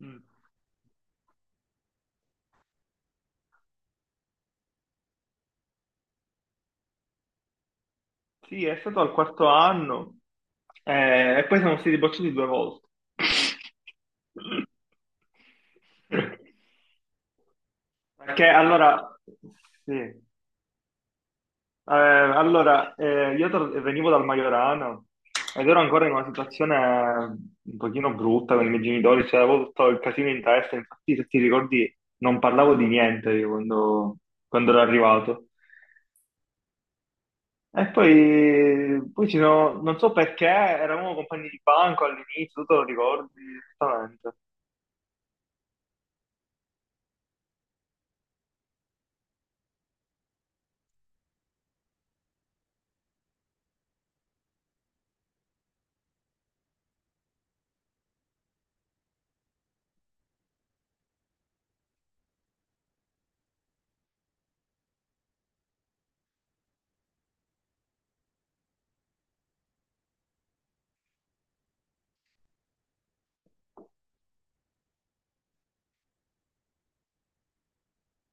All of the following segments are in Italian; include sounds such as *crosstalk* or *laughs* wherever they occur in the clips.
Mm. Sì, è stato al quarto anno, e poi siamo stati bocciati 2 volte. Perché allora, sì. Allora, io venivo dal Maiorano ed ero ancora in una situazione un pochino brutta con i miei genitori, cioè avevo tutto il casino in testa. Infatti, se ti ricordi, non parlavo di niente io quando ero arrivato. E poi ci sono, non so perché, eravamo compagni di banco all'inizio, tu te lo ricordi esattamente.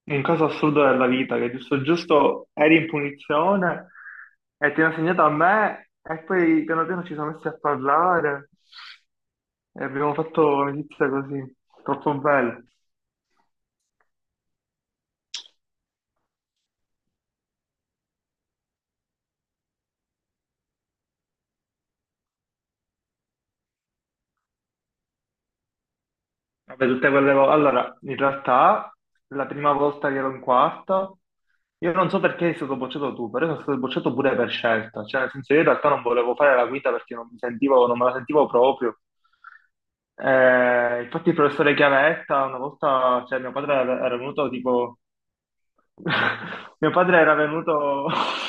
Un caso assurdo della vita, che giusto giusto eri in punizione e ti hanno segnato a me, e poi piano piano ci siamo messi a parlare e abbiamo fatto amicizia così, troppo bello. Vabbè, tutte quelle volte. Allora, in realtà, la prima volta che ero in quarta, io non so perché sei stato bocciato tu, però sono stato bocciato pure per scelta. Cioè, nel senso, io in realtà non volevo fare la guida perché non mi sentivo, non me la sentivo proprio. Infatti, il professore Chiavetta, una volta, cioè, mio padre era venuto tipo. *laughs* Mio padre era venuto. *laughs*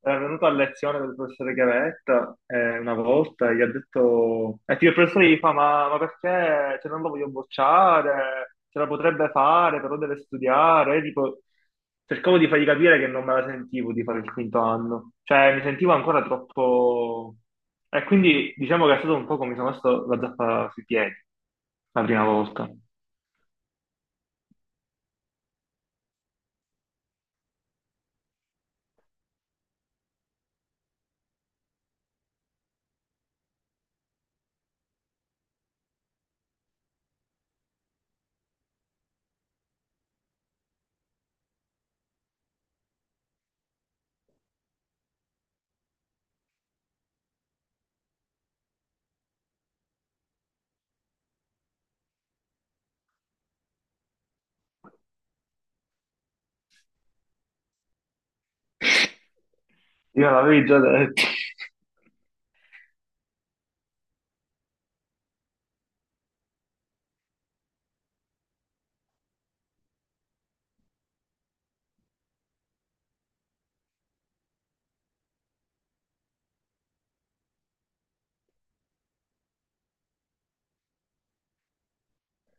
Era venuto a lezione del professore Gavetta, una volta, e gli ha detto, e il professore gli fa, ma perché, cioè, non lo voglio bocciare, ce la potrebbe fare, però deve studiare. E tipo, cercavo di fargli capire che non me la sentivo di fare il quinto anno, cioè mi sentivo ancora troppo. E quindi diciamo che è stato un po' come mi sono messo la zappa sui piedi la prima volta. Io l'avevi già detto. *laughs*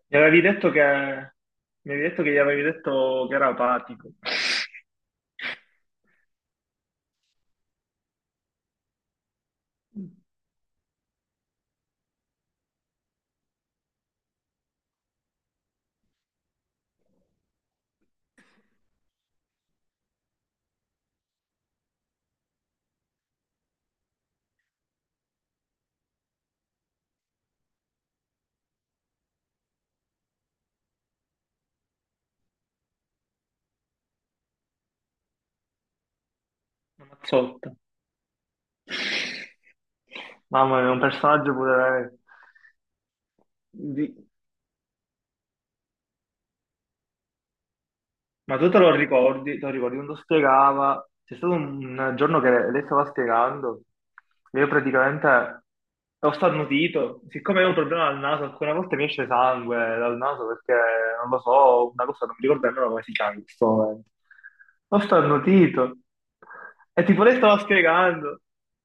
Mi avevi detto che gli avevi detto che era apatico. Una mazzotta. Mamma mia, un personaggio pure lei. Di- Ma tu te lo ricordi quando spiegava? C'è stato un giorno che lei stava spiegando, io praticamente ho starnutito, siccome avevo un problema al naso, alcune volte mi esce sangue dal naso perché, non lo so, una cosa, non mi ricordo nemmeno come si chiama in questo momento. Ho starnutito e tipo lei stava spiegando,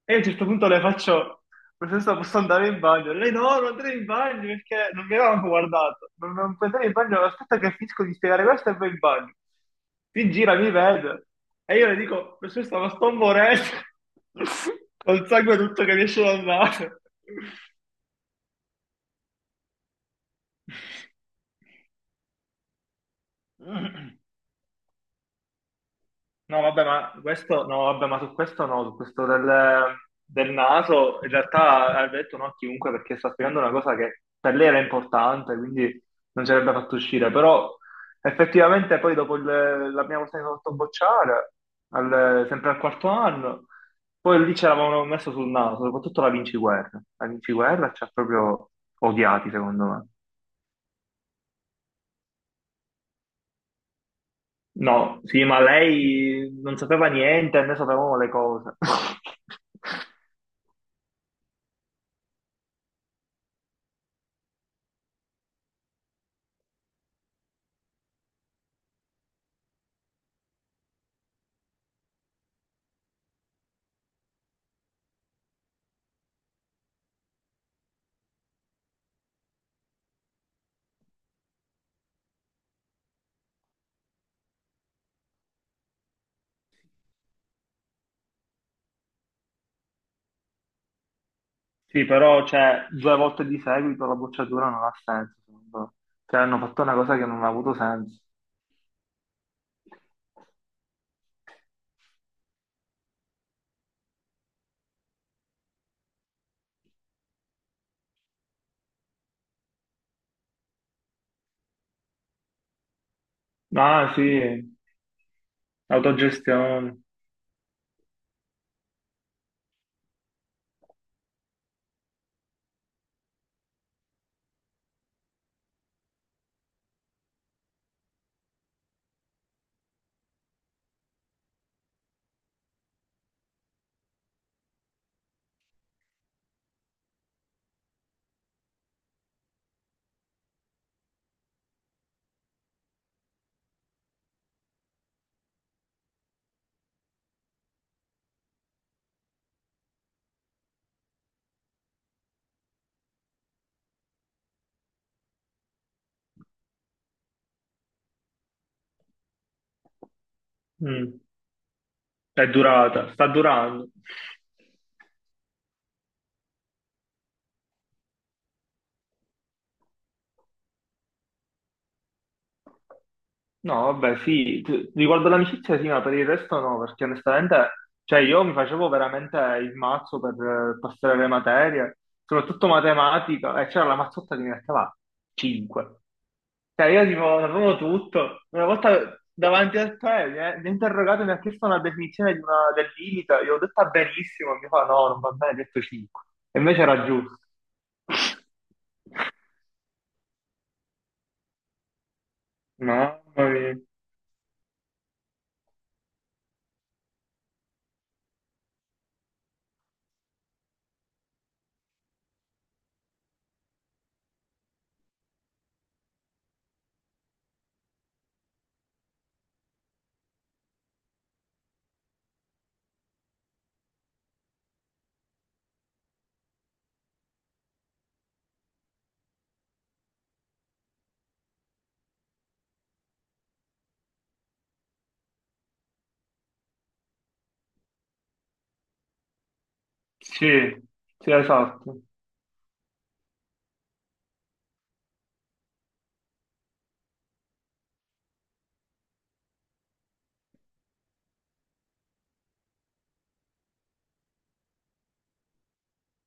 e io a un certo punto le faccio: professoressa, posso andare in bagno? Lei, no, non andare in bagno perché non mi avevano guardato. Non puoi andare in bagno, aspetta che finisco di spiegare questo e poi in bagno. Si gira, mi vede, e io le dico: professoressa, ma sto morendo. *laughs* Col sangue tutto che mi esce dal naso. *clears throat* *laughs* No, vabbè, ma questo no, vabbè, ma su questo no, su questo del naso, in realtà ha detto no a chiunque perché sta spiegando una cosa che per lei era importante, quindi non ci avrebbe fatto uscire. Però effettivamente, poi, dopo la prima volta che sono fatto bocciare, sempre al quarto anno, poi lì ce l'avevano messo sul naso, soprattutto la Vinci Guerra. La Vinci Guerra ci ha proprio odiati, secondo me. No, sì, ma lei non sapeva niente, e noi sapevamo le cose. *laughs* Sì, però cioè, 2 volte di seguito la bocciatura non ha senso, secondo me. Cioè, hanno fatto una cosa che non ha avuto senso. Ah, sì, autogestione. Mm. È durata, sta durando. No, vabbè, sì, riguardo l'amicizia sì, ma per il resto no, perché onestamente, cioè io mi facevo veramente il mazzo per passare le materie, soprattutto matematica, e c'era la mazzotta che mi metteva 5. Cioè, io tipo sapevo tutto. Una volta, davanti a te, mi ha interrogato e mi ha chiesto una definizione di del limite. Io ho detto: ah, benissimo. Mi fa: no, non va bene, ho detto 5. E invece era giusto. *laughs* Mamma mia. Sì, sì, esatto.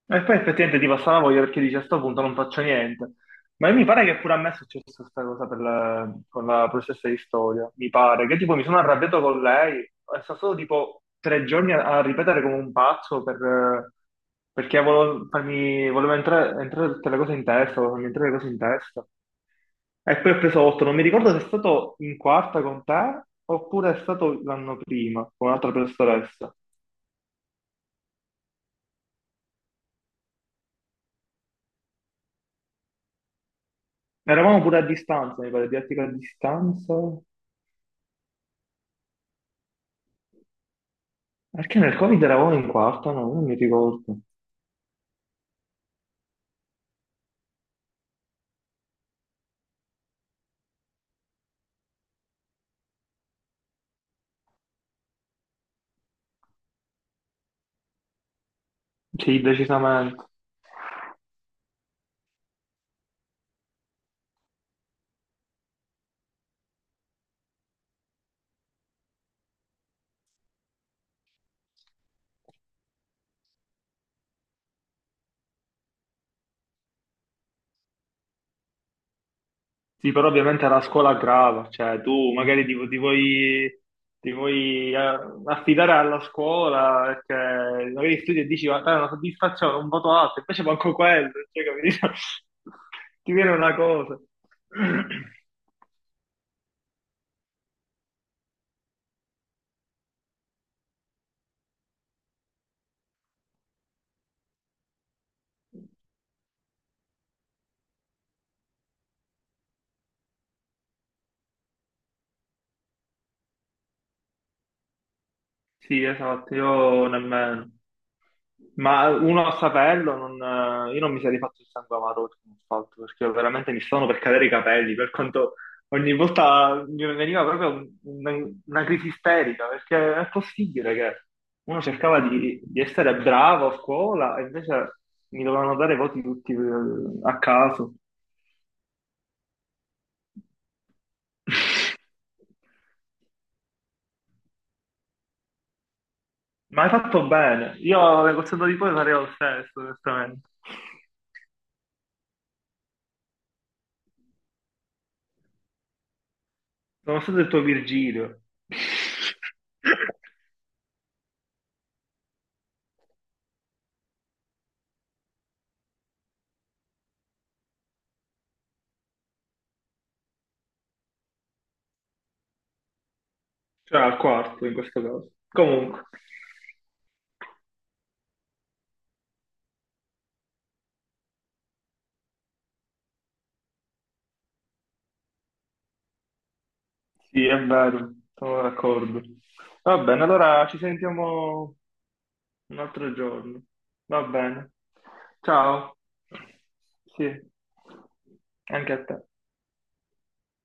E poi effettivamente ti passa la voglia, perché dici: a sto punto non faccio niente. Ma mi pare che pure a me è successa questa cosa per con la professoressa di storia. Mi pare che tipo mi sono arrabbiato con lei, è stato solo tipo 3 giorni a ripetere come un pazzo perché volevo, farmi, volevo entrare tutte le cose in testa, volevo farmi entrare le cose in testa. E poi ho preso 8, non mi ricordo se è stato in quarta con te oppure è stato l'anno prima con un'altra professoressa. Eravamo pure a distanza, mi pare, didattica a distanza. Perché nel Covid eravamo in quarta, no? Non mi ricordo. Sì, decisamente. Sì, però ovviamente era scuola grava, cioè tu magari ti vuoi, affidare alla scuola perché magari studi e dici: guarda, è una soddisfazione, un voto alto. Invece manco quello, cioè, capito? *laughs* Ti viene una cosa. Sì, esatto, io nemmeno. Ma uno a saperlo, io non mi sarei fatto il sangue amaro se non fatto, perché veramente mi stavano per cadere i capelli, per quanto ogni volta mi veniva proprio una crisi isterica, perché è possibile che uno cercava di essere bravo a scuola e invece mi dovevano dare voti tutti a caso. *laughs* Ma hai fatto bene, io alle cose di poi farei lo stesso, onestamente. Nonostante il tuo Virgilio, *laughs* cioè al quarto in questo caso. Comunque, sì, è vero, sono d'accordo. Va bene, allora ci sentiamo un altro giorno. Va bene. Ciao. Sì, anche a te.